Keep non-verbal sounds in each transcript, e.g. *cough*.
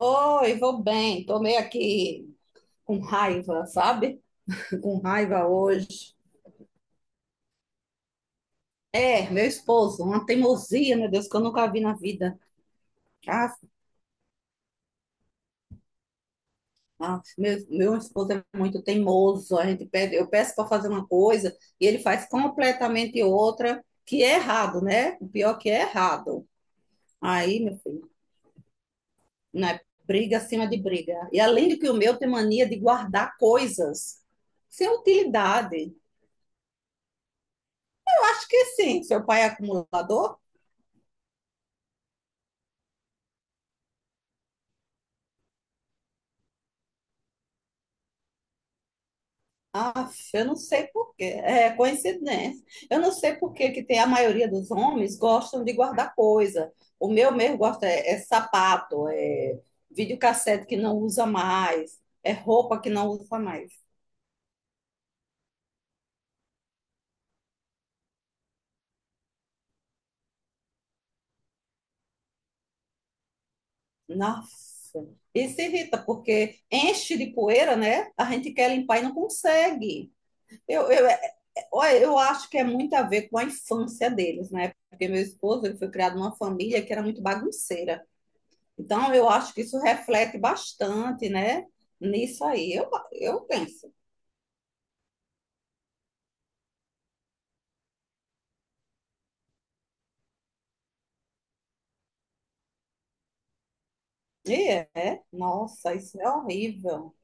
Oi, vou bem. Tô meio aqui com raiva, sabe? *laughs* Com raiva hoje. É, meu esposo, uma teimosia, meu Deus, que eu nunca vi na vida. Ah, ah, meu esposo é muito teimoso. A gente pede, eu peço para fazer uma coisa e ele faz completamente outra, que é errado, né? O pior que é errado. Aí, meu filho, né? Briga acima de briga. E além do que o meu tem mania de guardar coisas sem utilidade. Acho que sim, seu pai é acumulador. Ah, eu não sei por quê. É coincidência. Eu não sei por quê que tem a maioria dos homens gostam de guardar coisa. O meu mesmo gosta é, é sapato, é videocassete que não usa mais, é roupa que não usa mais. Nossa, isso irrita porque enche de poeira, né? A gente quer limpar e não consegue. Eu, eu, é, olha, eu acho que é muito a ver com a infância deles, né? Porque meu esposo ele foi criado numa família que era muito bagunceira. Então, eu acho que isso reflete bastante, né? Nisso aí, eu penso. E é, nossa, isso é horrível.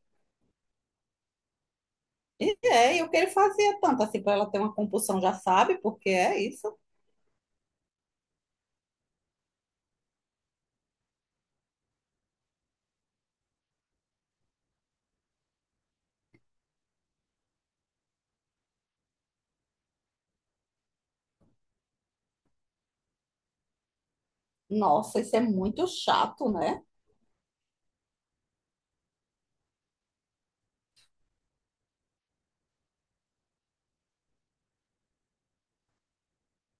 E é, e o que ele fazia tanto assim para ela ter uma compulsão, já sabe, porque é isso. Nossa, isso é muito chato, né?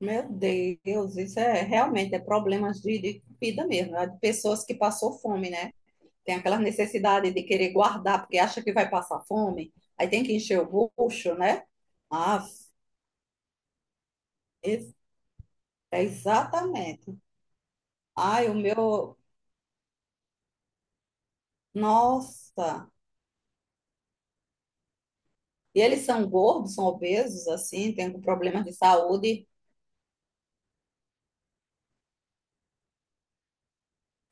Meu Deus, isso é realmente é problemas de vida mesmo, né? De pessoas que passou fome, né? Tem aquela necessidade de querer guardar porque acha que vai passar fome, aí tem que encher o bucho, né? Ah, ex- é exatamente. Ai, o meu. Nossa! E eles são gordos, são obesos, assim, têm problemas de saúde.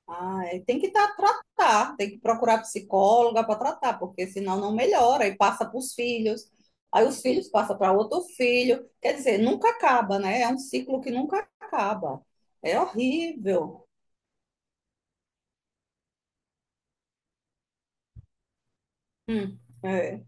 Ai, tem que tá, tratar, tem que procurar psicóloga para tratar, porque senão não melhora e passa para os filhos. Aí os filhos passam para outro filho. Quer dizer, nunca acaba, né? É um ciclo que nunca acaba. É horrível. Hum, é.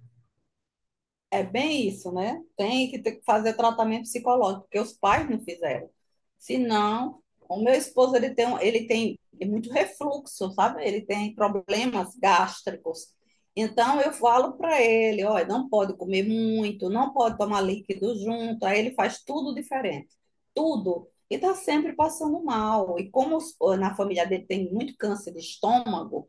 É bem isso, né? Tem que ter que fazer tratamento psicológico, porque os pais não fizeram. Senão, o meu esposo ele tem, ele tem muito refluxo, sabe? Ele tem problemas gástricos. Então, eu falo para ele: olha, não pode comer muito, não pode tomar líquido junto. Aí ele faz tudo diferente, tudo. E está sempre passando mal. E como na família dele tem muito câncer de estômago,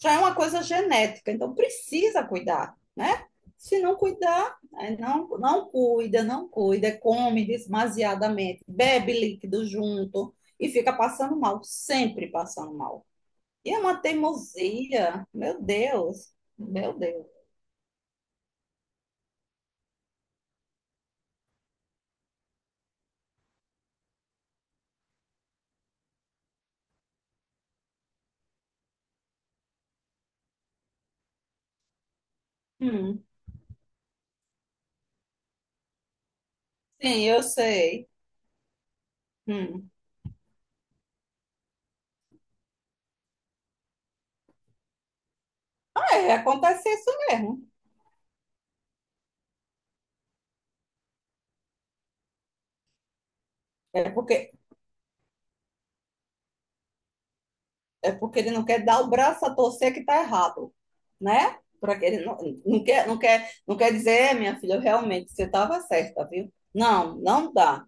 já é uma coisa genética, então precisa cuidar, né? Se não cuidar, aí não, não cuida, não cuida, come demasiadamente, bebe líquido junto e fica passando mal, sempre passando mal. E é uma teimosia, meu Deus, meu Deus. Hum, sim, eu sei. Hum. É, acontece isso mesmo. É porque é porque ele não quer dar o braço a torcer que está errado, né? Porque ele não, não, quer, não, quer, não quer dizer, é, minha filha, realmente você estava certa, viu? Não, não dá.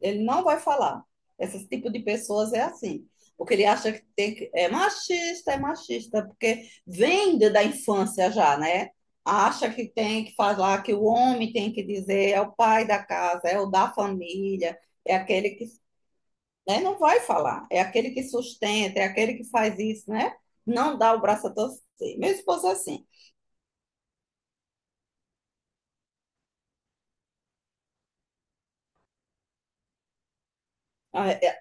Ele não vai falar. Esse tipo de pessoas é assim. Porque ele acha que, tem que é machista, porque vem da infância já, né? Acha que tem que falar que o homem tem que dizer, é o pai da casa, é o da família, é aquele que, né? Não vai falar. É aquele que sustenta, é aquele que faz isso, né? Não dá o braço a torcer. Meu esposo é assim. Ah, é, é,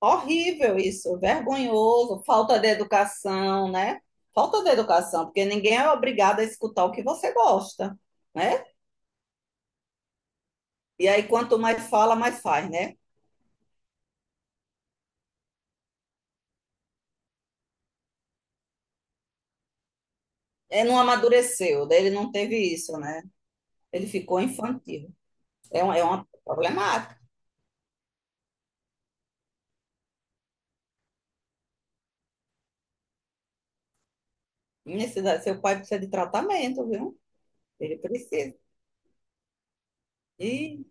horrível isso, vergonhoso, falta de educação, né? Falta de educação, porque ninguém é obrigado a escutar o que você gosta, né? E aí, quanto mais fala, mais faz, né? É, não amadureceu, daí ele não teve isso, né? Ele ficou infantil. É, é uma problemática. Seu pai precisa de tratamento, viu? Ele precisa. e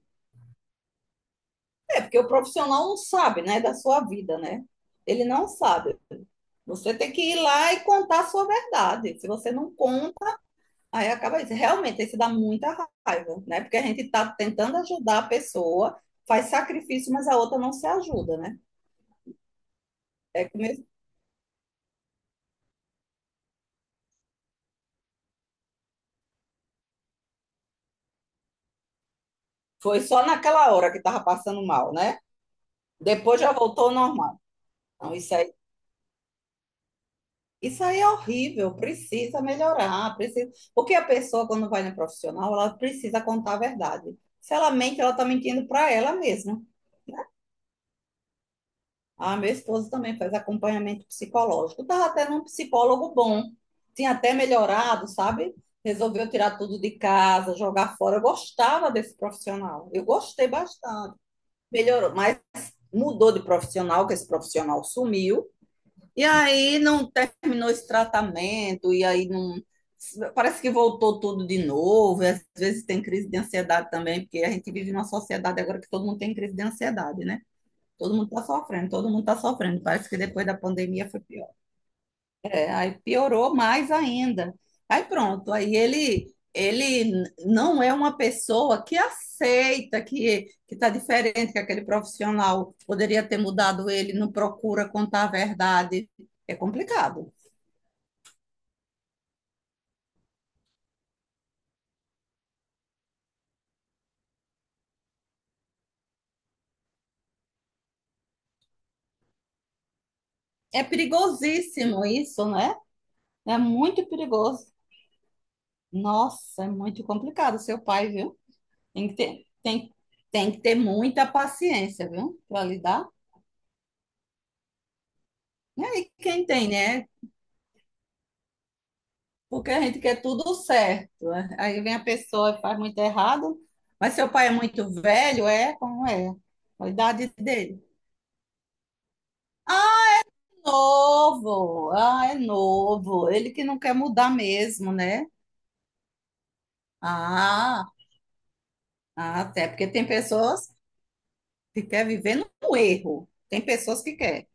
Porque o profissional não sabe, né, da sua vida, né? Ele não sabe. Você tem que ir lá e contar a sua verdade. Se você não conta, aí acaba isso. Realmente, isso dá muita raiva, né? Porque a gente está tentando ajudar a pessoa, faz sacrifício, mas a outra não se ajuda, né? É que mesmo- foi só naquela hora que estava passando mal, né? Depois já voltou ao normal. Então, isso aí. Isso aí é horrível, precisa melhorar, precisa. Porque a pessoa, quando vai no profissional, ela precisa contar a verdade. Se ela mente, ela está mentindo para ela mesma, né? A minha esposa também faz acompanhamento psicológico. Estava até num psicólogo bom, tinha até melhorado, sabe? Resolveu tirar tudo de casa, jogar fora. Eu gostava desse profissional, eu gostei bastante. Melhorou, mas mudou de profissional, que esse profissional sumiu. E aí não terminou esse tratamento, e aí não. Parece que voltou tudo de novo. E às vezes tem crise de ansiedade também, porque a gente vive numa sociedade agora que todo mundo tem crise de ansiedade, né? Todo mundo está sofrendo, todo mundo está sofrendo. Parece que depois da pandemia foi pior. É, aí piorou mais ainda. Aí pronto, aí ele não é uma pessoa que aceita que está diferente, que aquele profissional poderia ter mudado ele, não procura contar a verdade. É complicado. É perigosíssimo isso, né? É muito perigoso. Nossa, é muito complicado seu pai, viu? Tem que ter, tem, tem que ter muita paciência, viu? Para lidar. E aí, quem tem, né? Porque a gente quer tudo certo, né? Aí vem a pessoa e faz muito errado. Mas seu pai é muito velho, é? Como é? A idade dele. Ah, é novo! Ah, é novo. Ele que não quer mudar mesmo, né? Ah, ah, até porque tem pessoas que querem viver no erro. Tem pessoas que querem.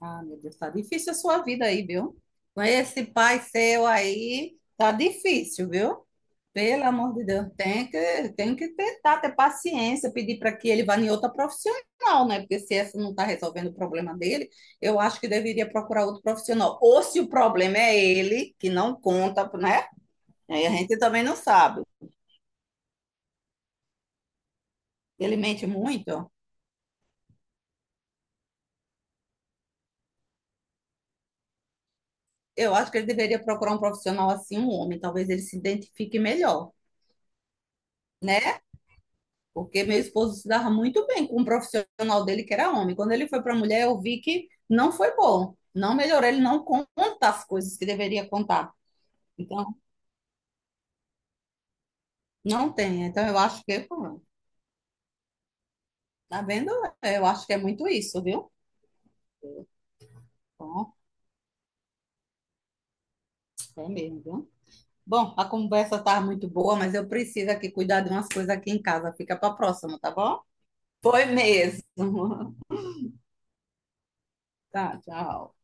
Ah, meu Deus, tá difícil a sua vida aí, viu? Com esse pai seu aí, tá difícil, viu? Pelo amor de Deus, tem que tentar ter paciência, pedir para que ele vá em outra profissional, né? Porque se essa não está resolvendo o problema dele, eu acho que deveria procurar outro profissional. Ou se o problema é ele, que não conta, né? Aí a gente também não sabe. Ele mente muito. Eu acho que ele deveria procurar um profissional assim, um homem. Talvez ele se identifique melhor, né? Porque meu esposo se dava muito bem com um profissional dele que era homem. Quando ele foi para a mulher, eu vi que não foi bom. Não melhorou, ele não conta as coisas que deveria contar. Então, não tem. Então, eu acho que, pô, tá vendo? Eu acho que é muito isso, viu? Bom, é mesmo, viu? Bom, a conversa tá muito boa, mas eu preciso aqui cuidar de umas coisas aqui em casa. Fica para a próxima, tá bom? Foi mesmo. *laughs* Tá, tchau.